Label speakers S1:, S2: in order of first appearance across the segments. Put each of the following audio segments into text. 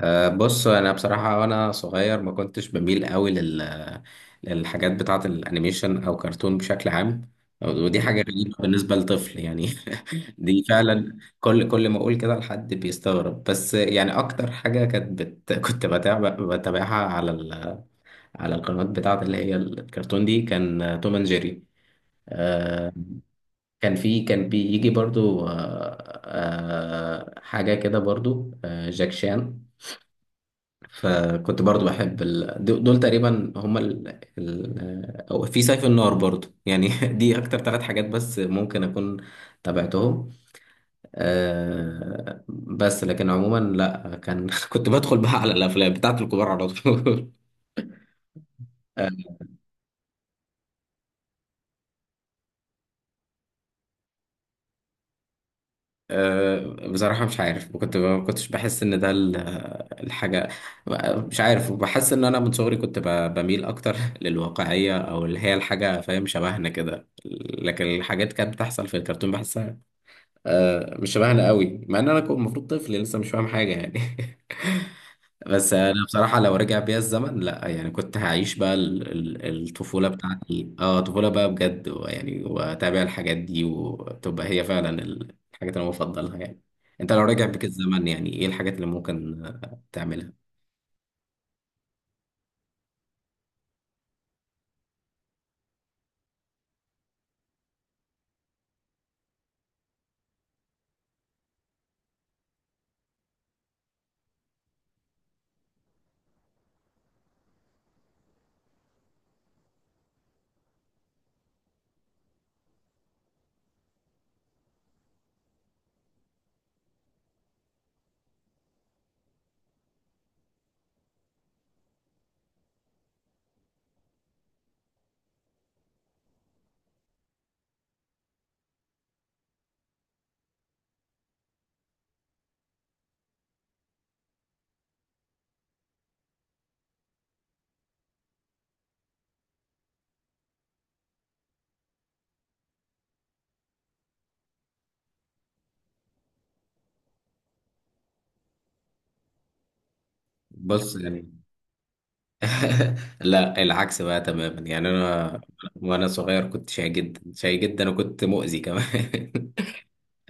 S1: بص انا بصراحه وانا صغير ما كنتش بميل قوي للحاجات بتاعه الانيميشن او كرتون بشكل عام. ودي حاجه غريبه بالنسبه لطفل يعني. دي فعلا كل ما اقول كده لحد بيستغرب، بس يعني اكتر حاجه كانت كنت بتابعها على القنوات بتاعه اللي هي الكرتون دي كان توم اند جيري، أه، كان بيجي برضو، أه، أه، حاجه كده برضو، جاك شان. فكنت برضو بحب دول تقريبا هما أو في سيف النار برضو يعني. دي أكتر ثلاث حاجات بس ممكن أكون تابعتهم. بس لكن عموما لا، كان كنت بدخل بقى على الأفلام بتاعت الكبار على طول. بصراحة مش عارف، ما كنتش بحس ان ده الحاجة. مش عارف، بحس ان انا من صغري كنت بميل اكتر للواقعية، او اللي هي الحاجة فاهم شبهنا كده. لكن الحاجات كانت بتحصل في الكرتون بحسها مش شبهنا قوي، مع ان انا كنت المفروض طفل لسه مش فاهم حاجة يعني. بس انا بصراحه لو رجع بيا الزمن، لا يعني كنت هعيش بقى الطفوله بتاعتي، اه طفوله بقى بجد يعني، واتابع الحاجات دي وتبقى هي فعلا الحاجات اللي انا بفضلها يعني. انت لو رجع بيك الزمن يعني ايه الحاجات اللي ممكن تعملها؟ بص يعني لا، العكس بقى تماما يعني. انا وانا صغير كنت شاي جدا شاي جدا، وكنت مؤذي كمان.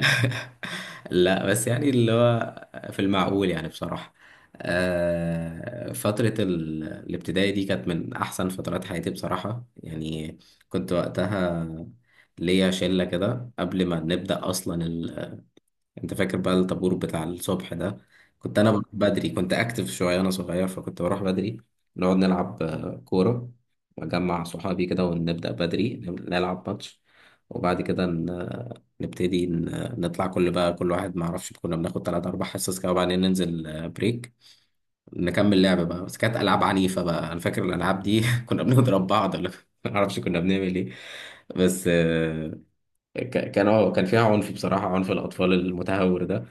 S1: لا، بس يعني اللي هو في المعقول يعني. بصراحة فترة الابتدائي دي كانت من أحسن فترات حياتي بصراحة يعني. كنت وقتها ليا شلة كده قبل ما نبدأ أصلا. انت فاكر بقى الطابور بتاع الصبح ده؟ كنت انا اه بروح بدري، كنت اكتف شويه انا صغير، فكنت بروح بدري نقعد نلعب كوره، واجمع صحابي كده ونبدا بدري نلعب ماتش. وبعد كده نطلع كل بقى كل واحد، ما اعرفش كنا بناخد ثلاث اربع حصص كده، وبعدين ننزل بريك نكمل لعبه بقى. بس كانت العاب عنيفه بقى، انا فاكر الالعاب دي كنا بنضرب بعض ولا ما اعرفش كنا بنعمل ايه. بس كان اه كان فيها عنف بصراحه، عنف الاطفال المتهور ده.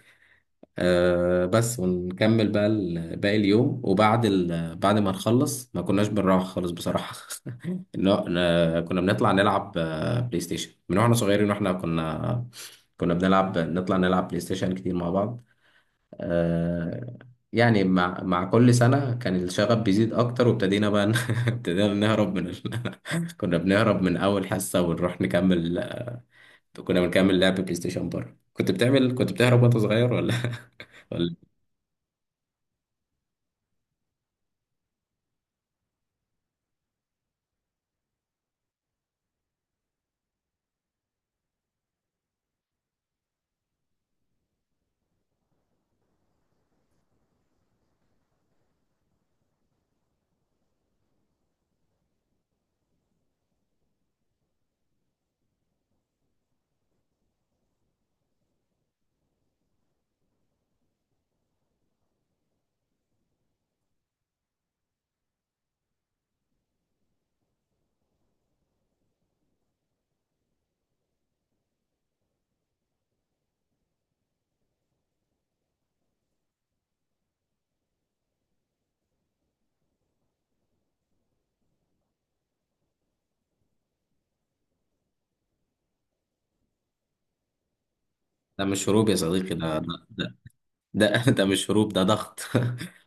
S1: آه، بس ونكمل بقى باقي اليوم. وبعد بعد ما نخلص ما كناش بنروح خالص بصراحة. كنا بنطلع نلعب بلاي ستيشن من واحنا صغيرين، واحنا كنا بنلعب نطلع نلعب بلاي ستيشن كتير مع بعض. آه، يعني مع كل سنة كان الشغف بيزيد أكتر، وابتدينا بقى ابتدينا نهرب من كنا بنهرب من أول حصة ونروح نكمل، كنا بنكمل لعب بلاي ستيشن بره. كنت بتعمل كنت بتهرب وأنت صغير ولا؟ ده مش هروب يا صديقي، ده مش هروب، ده ضغط.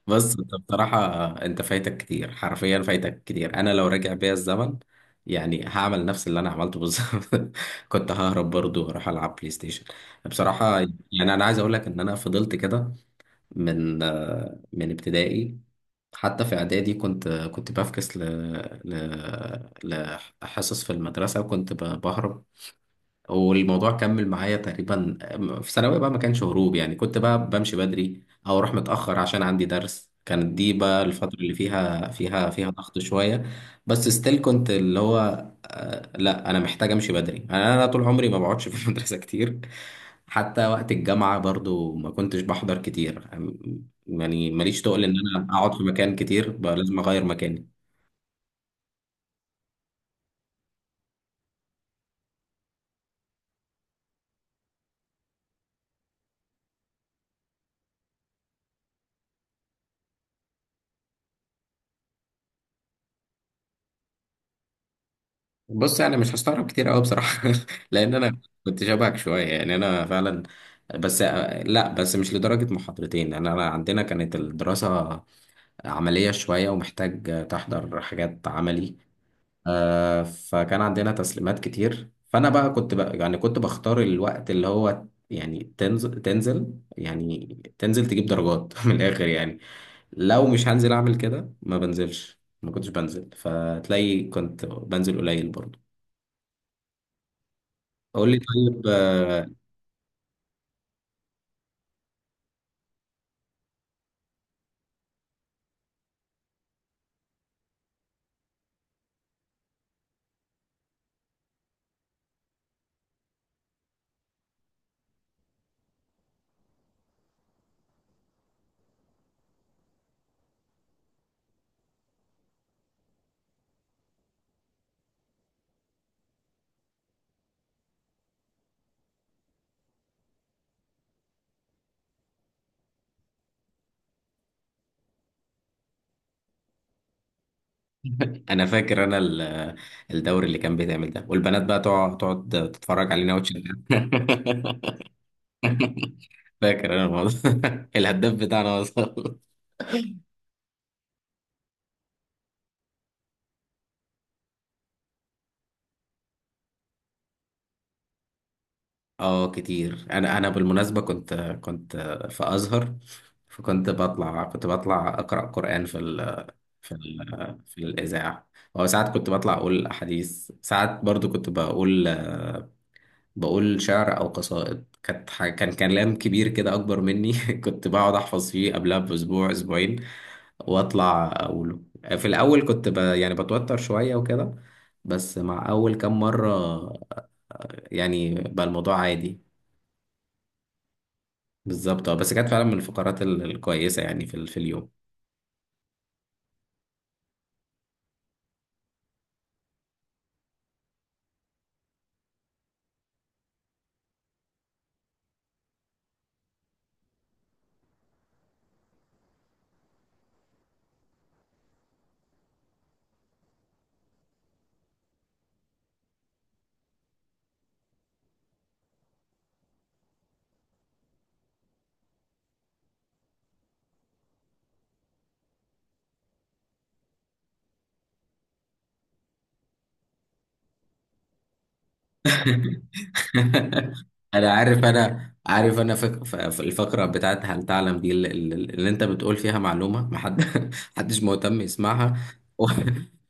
S1: بس انت بصراحة، انت فايتك كتير، حرفيا فايتك كتير. انا لو راجع بيا الزمن يعني هعمل نفس اللي انا عملته بالظبط. كنت ههرب برضو واروح العب بلاي ستيشن بصراحة. يعني انا عايز اقول لك ان انا فضلت كده من من ابتدائي، حتى في اعدادي كنت بفكس ل ل لحصص في المدرسة، وكنت بهرب. والموضوع كمل معايا تقريبا في ثانوية بقى. ما كانش هروب يعني، كنت بقى بمشي بدري او اروح متأخر عشان عندي درس. كانت دي بقى الفترة اللي فيها ضغط شوية. بس ستيل كنت اللي هو لا انا محتاج امشي بدري. أنا طول عمري ما بقعدش في المدرسة كتير. حتى وقت الجامعة برضو ما كنتش بحضر كتير. يعني ماليش تقل ان انا اقعد في مكان كتير، بقى لازم اغير مكاني. بص يعني مش هستغرب كتير قوي بصراحه، لان انا كنت شبهك شويه يعني، انا فعلا. بس لا، بس مش لدرجه محاضرتين، لان انا عندنا كانت الدراسه عمليه شويه، ومحتاج تحضر حاجات عملي. فكان عندنا تسليمات كتير، فانا بقى كنت بقى يعني كنت بختار الوقت اللي هو يعني تنزل يعني، تنزل تجيب درجات من الاخر يعني. لو مش هنزل اعمل كده ما بنزلش، ما كنتش بنزل، فتلاقي كنت بنزل قليل برضه. قول لي طيب، انا فاكر انا الدوري اللي كان بيتعمل ده، والبنات بقى تقعد تتفرج علينا وتشجع. فاكر انا الموضوع، الهداف بتاعنا وصل. اه كتير، انا بالمناسبه كنت في ازهر، فكنت بطلع اقرا قران في ال في ال في الاذاعه. او ساعات كنت بطلع اقول احاديث، ساعات برضو كنت بقول شعر او قصائد، كانت كان كلام كبير كده اكبر مني. كنت بقعد احفظ فيه قبلها باسبوع اسبوعين واطلع اقوله. في الاول كنت يعني بتوتر شوية وكده، بس مع اول كام مرة يعني بقى الموضوع عادي. بالظبط، بس كانت فعلا من الفقرات الكويسة يعني في في اليوم. انا عارف، انا عارف، انا فك... ف- ف- الفقره بتاعت هل تعلم دي، اللي انت بتقول فيها معلومه ما حد حدش مهتم يسمعها، و-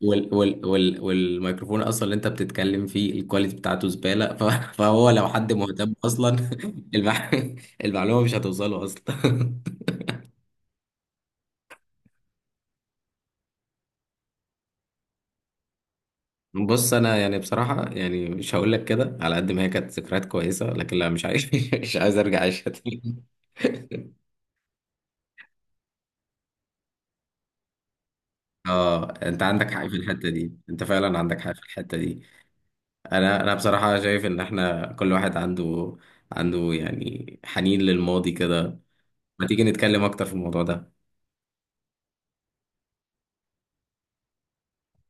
S1: والميكروفون اصلا اللي انت بتتكلم فيه الكواليتي بتاعته زباله، فهو لو حد مهتم اصلا المع... المعلومه مش هتوصله اصلا. بص انا يعني بصراحه يعني مش هقول لك كده، على قد ما هي كانت ذكريات كويسه، لكن لا مش عايز، مش عايز ارجع اعيشها تاني. اه، انت عندك حق في الحته دي، انت فعلا عندك حق في الحته دي. انا بصراحه شايف ان احنا كل واحد عنده يعني حنين للماضي كده. ما تيجي نتكلم اكتر في الموضوع ده.